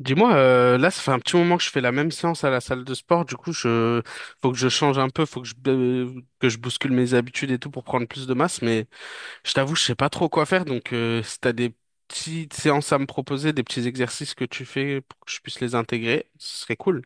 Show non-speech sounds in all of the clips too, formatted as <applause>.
Dis-moi, là, ça fait un petit moment que je fais la même séance à la salle de sport. Du coup, je faut que je change un peu, faut que je bouscule mes habitudes et tout pour prendre plus de masse. Mais je t'avoue, je sais pas trop quoi faire. Donc, si t'as des petites séances à me proposer, des petits exercices que tu fais pour que je puisse les intégrer, ce serait cool.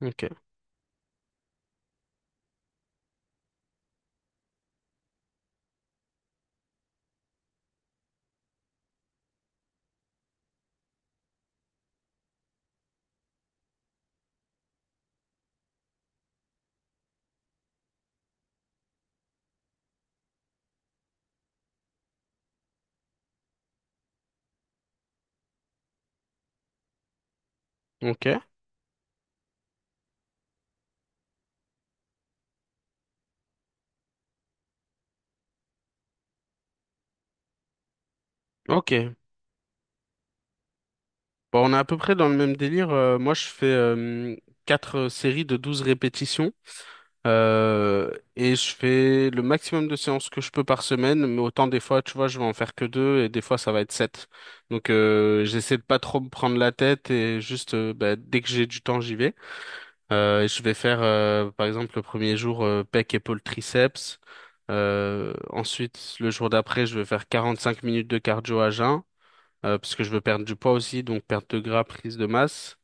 Ok, ok, ok. Bon, on est à peu près dans le même délire. Moi, je fais quatre séries de 12 répétitions. Et je fais le maximum de séances que je peux par semaine, mais autant des fois, tu vois, je vais en faire que deux et des fois ça va être sept. Donc j'essaie de pas trop me prendre la tête et juste bah, dès que j'ai du temps, j'y vais. Et je vais faire par exemple le premier jour pec, épaule, triceps. Ensuite, le jour d'après, je vais faire 45 minutes de cardio à jeun parce que je veux perdre du poids aussi, donc perte de gras, prise de masse.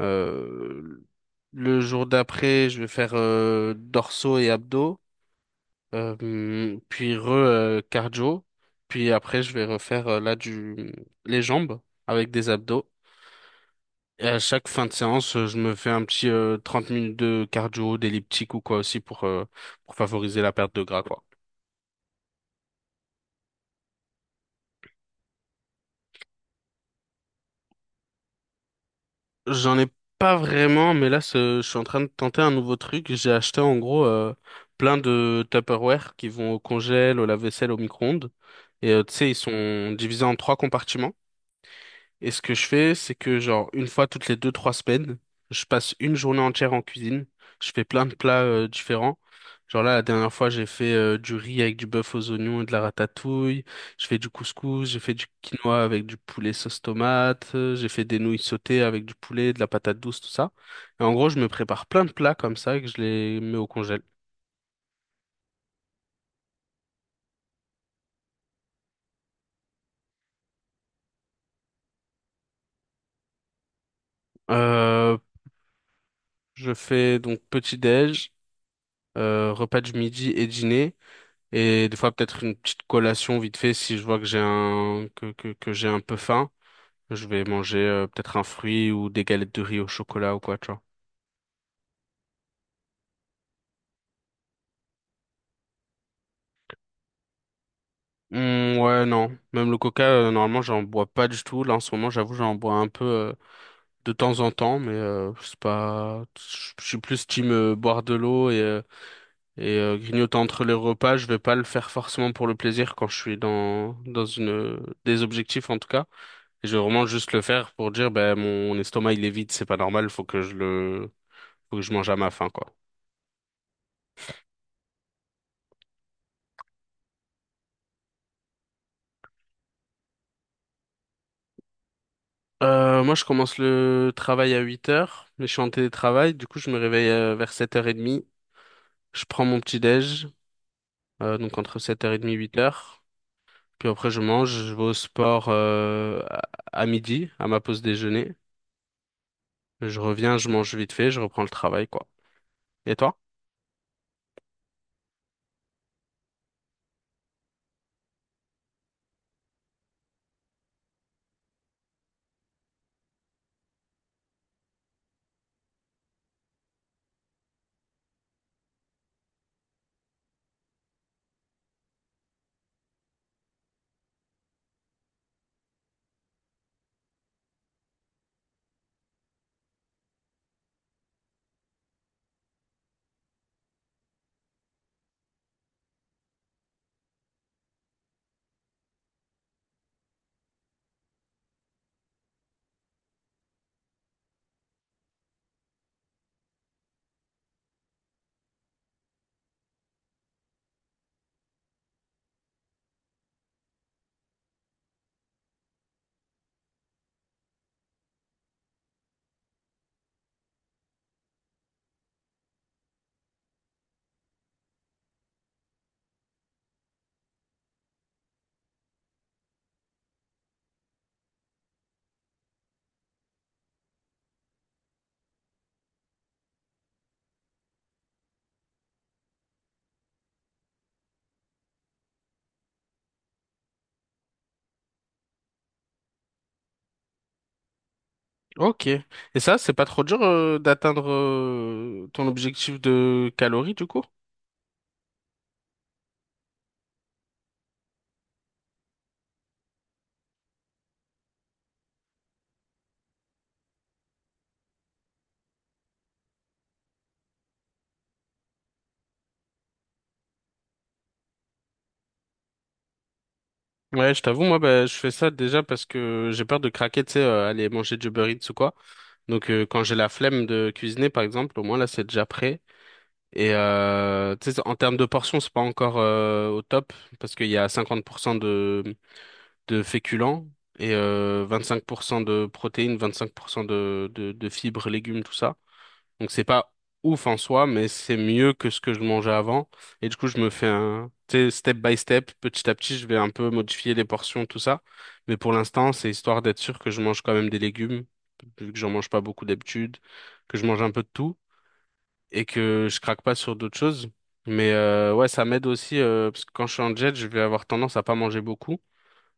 Euh, le jour d'après, je vais faire dorsaux et abdos, puis re cardio, puis après je vais refaire là du les jambes avec des abdos. Et à chaque fin de séance, je me fais un petit 30 minutes de cardio, d'elliptique ou quoi aussi pour pour favoriser la perte de gras quoi. J'en ai pas vraiment, mais là, je suis en train de tenter un nouveau truc. J'ai acheté en gros plein de Tupperware qui vont au congèle, au lave-vaisselle, au micro-ondes. Et tu sais, ils sont divisés en trois compartiments. Et ce que je fais, c'est que genre une fois toutes les deux, trois semaines, je passe une journée entière en cuisine. Je fais plein de plats différents. Genre là, la dernière fois, j'ai fait du riz avec du bœuf aux oignons et de la ratatouille. Je fais du couscous, j'ai fait du quinoa avec du poulet sauce tomate. J'ai fait des nouilles sautées avec du poulet, de la patate douce, tout ça. Et en gros, je me prépare plein de plats comme ça et que je les mets au congèle. Euh, je fais donc petit déj, repas du midi et dîner. Et des fois, peut-être une petite collation vite fait si je vois que j'ai que j'ai un peu faim. Je vais manger peut-être un fruit ou des galettes de riz au chocolat ou quoi, tu vois. Hmm, ouais, non. Même le coca, normalement, j'en bois pas du tout. Là, en ce moment, j'avoue, j'en bois un peu de temps en temps, mais c'est pas. Je suis plus team boire de l'eau et grignoter entre les repas. Je vais pas le faire forcément pour le plaisir quand je suis dans une des objectifs en tout cas. Je vais vraiment juste le faire pour dire, ben, mon estomac, il est vide, c'est pas normal, faut que je mange à ma faim, quoi. Moi, je commence le travail à 8 heures, mais je suis en télétravail, du coup, je me réveille vers 7h30. Je prends mon petit-déj, donc entre sept heures 30 et 8 heures. Puis après, je mange, je vais au sport à midi, à ma pause déjeuner. Je reviens, je mange vite fait, je reprends le travail, quoi. Et toi? Ok. Et ça, c'est pas trop dur d'atteindre ton objectif de calories, du coup? Ouais, je t'avoue, moi, bah, je fais ça déjà parce que j'ai peur de craquer, tu sais, aller manger du Uber Eats ou quoi. Donc, quand j'ai la flemme de cuisiner, par exemple, au moins là, c'est déjà prêt. Et tu sais, en termes de portions, c'est pas encore au top parce qu'il y a 50% de féculents et 25% de protéines, 25% de fibres, légumes, tout ça. Donc c'est pas ouf en soi, mais c'est mieux que ce que je mangeais avant. Et du coup, je me fais un, tu sais, step by step, petit à petit, je vais un peu modifier les portions, tout ça. Mais pour l'instant, c'est histoire d'être sûr que je mange quand même des légumes, vu que j'en mange pas beaucoup d'habitude, que je mange un peu de tout et que je craque pas sur d'autres choses. Mais ouais, ça m'aide aussi parce que quand je suis en jet, je vais avoir tendance à pas manger beaucoup,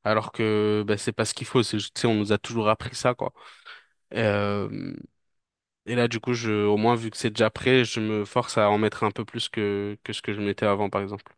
alors que bah, c'est pas ce qu'il faut. C'est, juste- tu sais, on nous a toujours appris ça, quoi. Euh, et là, du coup, je, au moins, vu que c'est déjà prêt, je me force à en mettre un peu plus que ce que je mettais avant, par exemple.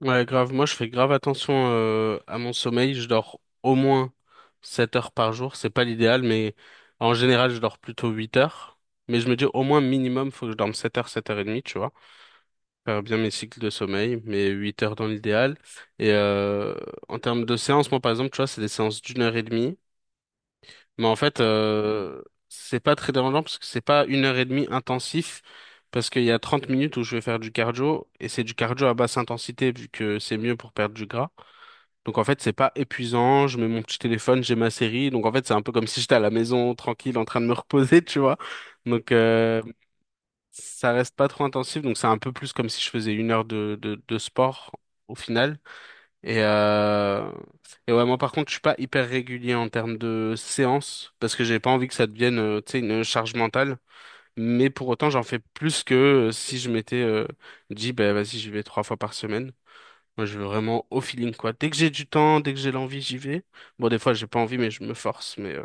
Ouais, grave. Moi, je fais grave attention à mon sommeil. Je dors au moins 7 heures par jour. C'est pas l'idéal, mais en général, je dors plutôt 8 heures. Mais je me dis au moins minimum, faut que je dorme 7 heures, 7 heures et demie, tu vois. Faire bien mes cycles de sommeil, mais 8 heures dans l'idéal. Et en termes de séances, moi, par exemple, tu vois, c'est des séances d'une heure et demie. Mais en fait, c'est pas très dérangeant parce que c'est pas une heure et demie intensif. Parce qu'il y a 30 minutes où je vais faire du cardio et c'est du cardio à basse intensité vu que c'est mieux pour perdre du gras. Donc en fait, c'est pas épuisant. Je mets mon petit téléphone, j'ai ma série. Donc en fait, c'est un peu comme si j'étais à la maison tranquille en train de me reposer, <laughs> tu vois. Donc ça reste pas trop intensif. Donc c'est un peu plus comme si je faisais une heure de sport au final. Et, euh... et ouais, moi par contre, je suis pas hyper régulier en termes de séances parce que j'ai pas envie que ça devienne, tu sais, une charge mentale. Mais pour autant, j'en fais plus que si je m'étais dit, bah vas-y, j'y vais trois fois par semaine. Moi, je veux vraiment au feeling, quoi. Dès que j'ai du temps, dès que j'ai l'envie, j'y vais. Bon, des fois, j'ai pas envie, mais je me force. Mais, euh,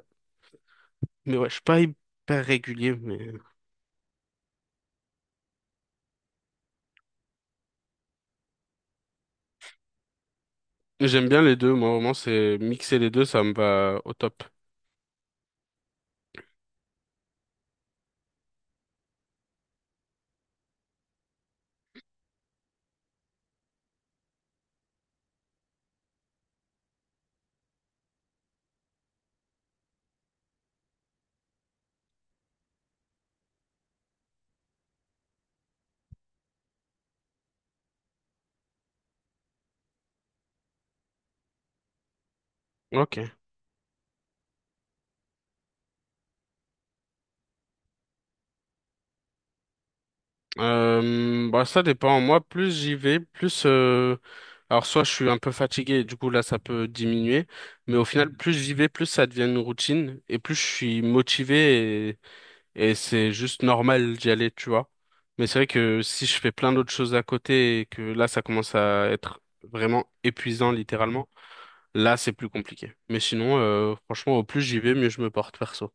mais ouais, je suis pas hyper régulier, mais j'aime bien les deux. Moi, vraiment, c'est mixer les deux, ça me va au top. Ok. Bah ça dépend. Moi, plus j'y vais, plus alors soit je suis un peu fatigué, du coup là ça peut diminuer, mais au final plus j'y vais, plus ça devient une routine et plus je suis motivé et c'est juste normal d'y aller, tu vois. Mais c'est vrai que si je fais plein d'autres choses à côté et que là ça commence à être vraiment épuisant littéralement, là c'est plus compliqué. Mais sinon, franchement, au plus j'y vais, mieux je me porte perso.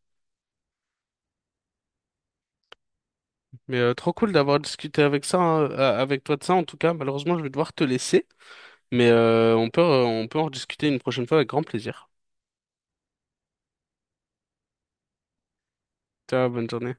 Mais trop cool d'avoir discuté avec ça, hein, avec toi de ça en tout cas. Malheureusement, je vais devoir te laisser. Mais on peut en discuter une prochaine fois avec grand plaisir. Ciao, bonne journée.